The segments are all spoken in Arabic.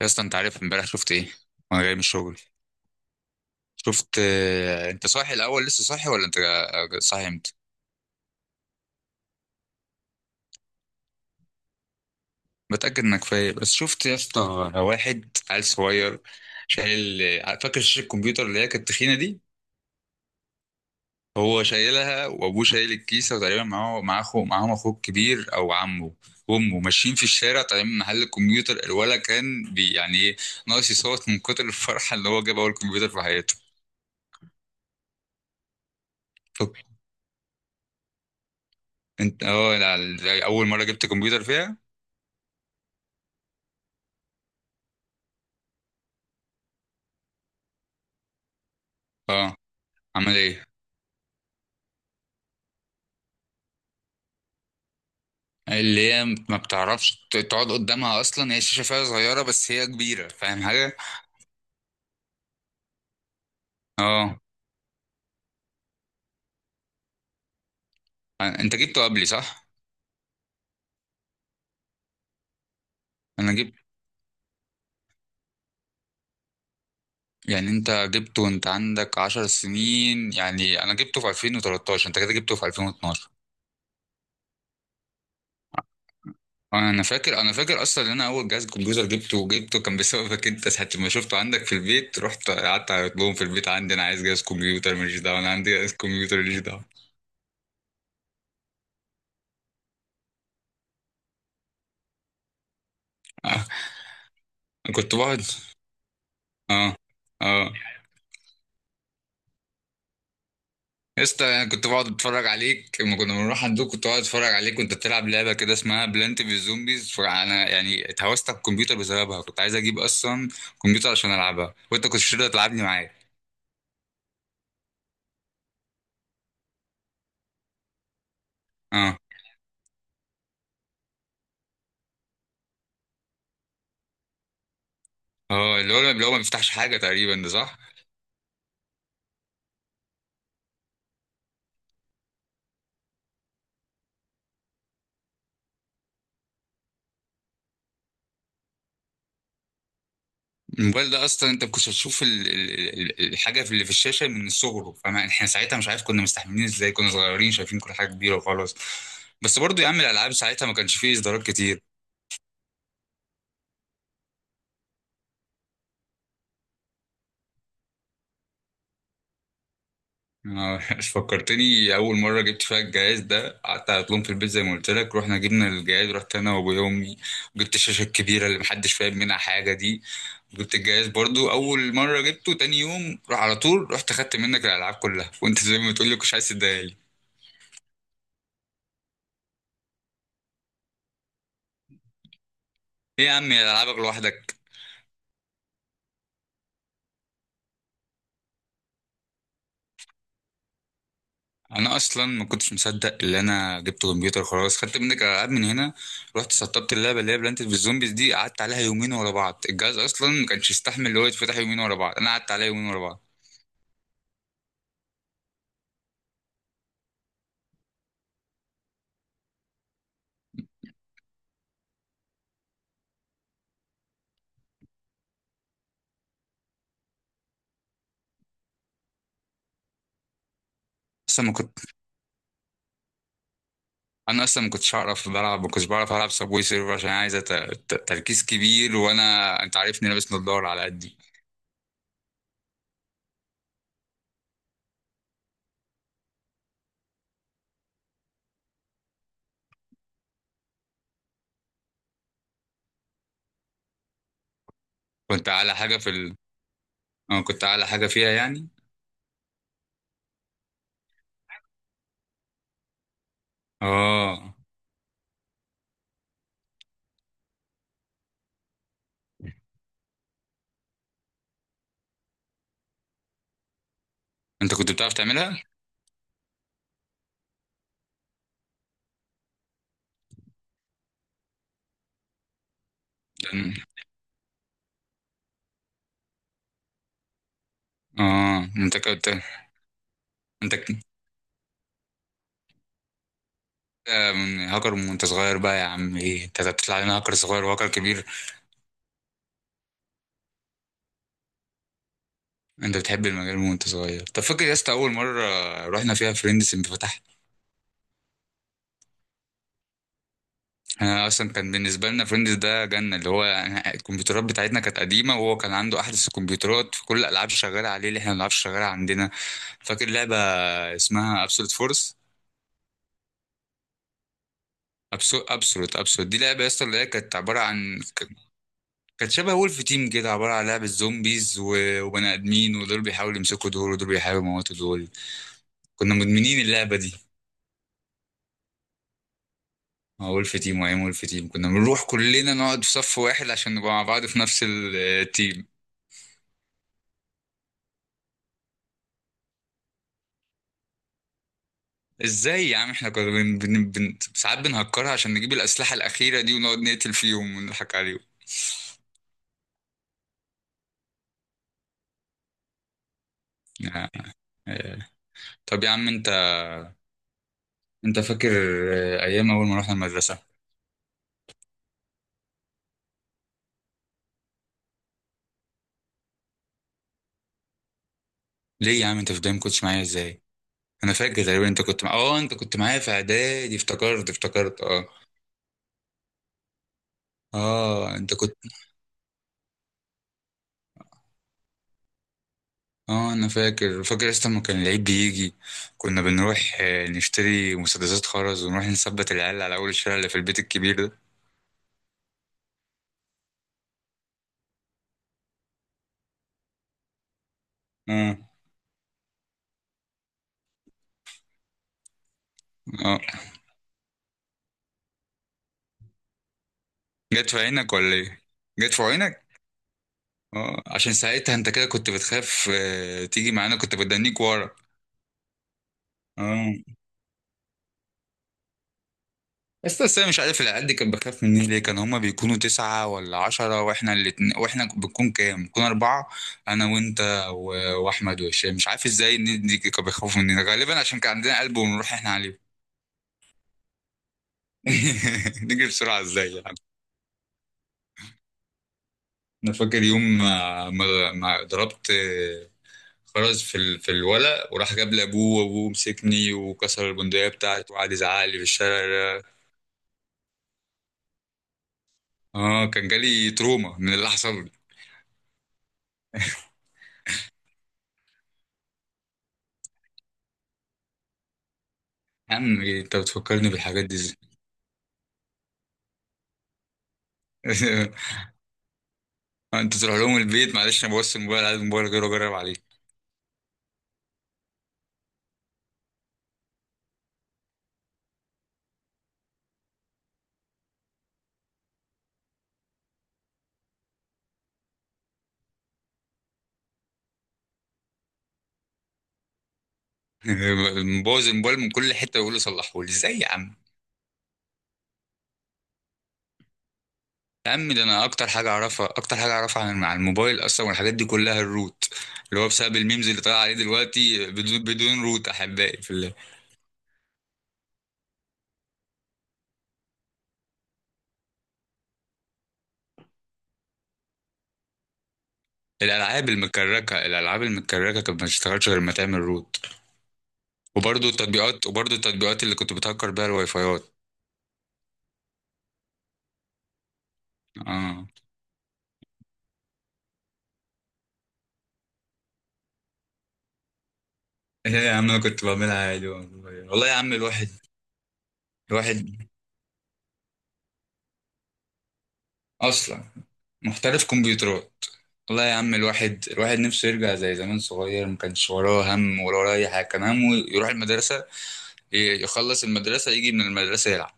يا اسطى، انت عارف امبارح شفت ايه وانا جاي من الشغل؟ شفت انت صاحي الاول؟ لسه صاحي ولا صاحي امتى؟ متاكد انك فايق؟ بس شفت يا اسطى، واحد عيل صغير شايل فاكر شاشه الكمبيوتر اللي هي كانت تخينه دي. هو شايلها وابوه شايل الكيسه وتقريبا معاه اخو، معاهم اخوه الكبير او عمه وامه ماشيين في الشارع طالعين من محل الكمبيوتر، الولا كان بي يعني ايه، ناقص يصوت من كتر الفرحه اللي هو جاب اول كمبيوتر في حياته. طب انت لا، اول مره جبت كمبيوتر فيها؟ اه، عامل ايه؟ اللي هي ما بتعرفش تقعد قدامها اصلا، هي شاشه فيها صغيره بس هي كبيره، فاهم حاجه؟ اه، انت جبته قبلي صح؟ انا جبت. يعني انت جبته وانت عندك 10 سنين، يعني انا جبته في 2013، انت كده جبته في 2012. انا فاكر اصلا ان انا اول جهاز كمبيوتر جبته كان بسببك، انت ساعه ما شفته عندك في البيت رحت قعدت اقول لهم في البيت عندي انا عايز جهاز كمبيوتر ماليش دعوه، انا عندي جهاز كمبيوتر ماليش دعوه. آه، كنت بقعد اه اه يا اسطى، انا كنت بقعد اتفرج عليك لما كنا بنروح عندك، كنت بقعد اتفرج عليك وانت بتلعب لعبه كده اسمها بلانت في الزومبيز، فانا يعني اتهوست على الكمبيوتر بسببها، كنت عايز اجيب اصلا كمبيوتر عشان العبها وانت كنت شده تلعبني معاك. اه، اه، اللي هو ما بيفتحش حاجه تقريبا، ده صح؟ الموبايل ده اصلا انت كنت هتشوف الحاجه اللي في الشاشه من صغره، فاحنا ساعتها مش عارف كنا مستحملين ازاي، كنا صغيرين شايفين كل حاجه كبيره وخلاص. بس برضو يا عم الالعاب ساعتها ما كانش فيه اصدارات كتير. انا فكرتني اول مره جبت فيها الجهاز ده، قعدت على طول في البيت زي ما قلت لك، رحنا جبنا الجهاز، رحت انا وابويا وامي وجبت الشاشه الكبيره اللي محدش فاهم منها حاجه دي وجبت الجهاز برضو اول مره جبته، تاني يوم راح على طول رحت خدت منك الالعاب كلها وانت زي ما بتقول لي كنتش عايز تديها لي. ايه يا عم، يا العابك لوحدك؟ انا اصلا ما كنتش مصدق اللي انا جبت كمبيوتر خلاص، خدت منك الالعاب من هنا، رحت سطبت اللعبه اللي هي بلانت في الزومبيز دي، قعدت عليها يومين ورا بعض، الجهاز اصلا ما كانش يستحمل اللي هو يتفتح يومين ورا بعض، انا قعدت عليها يومين ورا بعض. اصلا ما كنت انا اصلا ما كنتش هعرف بلعب، ما كنتش بعرف العب سبوي سيرفر عشان عايزه تركيز كبير، انت عارفني لابس نضاره على قدي. كنت اعلى حاجه في ال... اه كنت اعلى حاجه فيها، يعني. اه، انت كنت بتعرف تعملها؟ لأن- اه انت كنت انت ك- آه، من هاكر من وانت صغير بقى يا عم، ايه انت بتطلع لنا هاكر صغير وهاكر كبير؟ انت بتحب المجال من وانت صغير. طب فاكر يا اسطى اول مره رحنا فيها فريندز انت فتحت؟ انا اصلا كان بالنسبه لنا فريندز ده جنه، اللي هو الكمبيوترات بتاعتنا كانت قديمه وهو كان عنده احدث الكمبيوترات فكل الالعاب شغاله عليه اللي احنا ما بنلعبش شغاله عندنا. فاكر لعبه اسمها ابسولوت فورس؟ ابسولوت دي لعبه اصلا، اللي هي كانت شبه وولف تيم كده، عباره عن لعبه زومبيز وبني ادمين، ودول بيحاولوا يمسكوا دول ودول بيحاولوا يموتوا دول، كنا مدمنين اللعبه دي. وولف تيم، وايام وولف تيم كنا بنروح كلنا نقعد في صف واحد عشان نبقى مع بعض في نفس التيم. ازاي يا عم احنا كنا ساعات بنهكرها عشان نجيب الأسلحة الأخيرة دي ونقعد نقتل فيهم ونضحك عليهم. آه. آه. طب يا عم انت فاكر ايام اول ما رحنا المدرسة؟ ليه يا عم انت في البداية ما كنتش معايا ازاي؟ انا فاكر تقريبا انت كنت معايا في اعدادي، افتكرت، اه. اه، انت كنت اه انا فاكر اصلا لما كان العيد بيجي كنا بنروح نشتري مسدسات خرز ونروح نثبت العيال على اول الشارع اللي في البيت الكبير ده. اه، اه، جت في عينك ولا ايه؟ جت في عينك؟ اه، عشان ساعتها انت كده كنت بتخاف تيجي معانا، كنت بدنيك ورا. اه، بس انا مش عارف العيال دي كانت بخاف مني ليه، كان هما بيكونوا 9 ولا 10 واحنا الاتنين، واحنا بنكون كام؟ بنكون أربعة، أنا وأنت وأحمد وهشام، مش عارف ازاي الناس دي كانوا بيخافوا مننا، غالبا عشان كان عندنا قلب ونروح احنا عليه. نجري بسرعة ازاي يعني؟ أنا فاكر يوم ما ضربت خرز في الولق وراح جاب لابوه، وابوه مسكني وكسر البندقية بتاعتي وقعد يزعق لي في الشارع. اه، كان جالي تروما من اللي حصل لي. يا عم إيه انت بتفكرني بالحاجات دي ازاي؟ انت تروح لهم البيت، معلش انا بوظت الموبايل عايز الموبايل غيره اجرب عليه. مبوظ الموبايل من كل حته يقول لي صلحه لي ازاي يا عم؟ يا عم ده انا اكتر حاجه اعرفها، اكتر حاجه اعرفها عن الموبايل اصلا والحاجات دي كلها الروت، اللي هو بسبب الميمز اللي طالع عليه دلوقتي: بدون روت احبائي في الالعاب المكركه كانت ما تشتغلش غير ما تعمل روت، وبرضه التطبيقات اللي كنت بتهكر بيها الواي فايات. اه، ايه يا عم انا كنت بعملها عادي، والله والله يا عم، الواحد اصلا محترف كمبيوترات. والله يا عم الواحد نفسه يرجع زي زمان، صغير ما كانش وراه هم ولا وراه اي حاجه، كان همه يروح المدرسه، يخلص المدرسه يجي من المدرسه يلعب.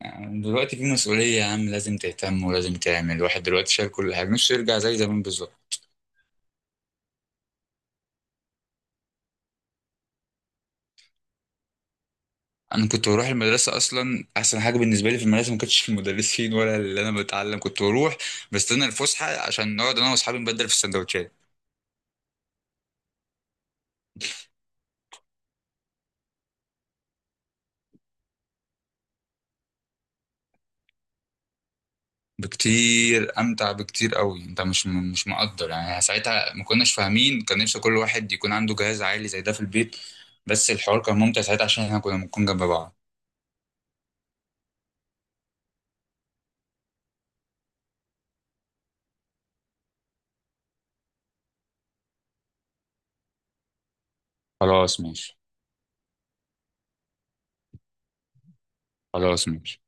يعني دلوقتي في مسؤوليه يا عم، لازم تهتم ولازم تعمل، الواحد دلوقتي شايل كل حاجه، نفسه يرجع زي زمان بالظبط. انا كنت بروح المدرسه، اصلا احسن حاجه بالنسبه لي في المدرسه ما كانتش المدرسين ولا اللي انا بتعلم، كنت بروح بستنى الفسحه عشان نقعد انا واصحابي نبدل في السندوتشات. بكتير امتع، بكتير قوي، انت مش مقدر يعني ساعتها ما كناش فاهمين، كان نفسي كل واحد يكون عنده جهاز عالي زي ده في البيت، بس الحوار كان ممتع ساعتها عشان احنا كنا بنكون جنب بعض. خلاص ماشي. خلاص ماشي.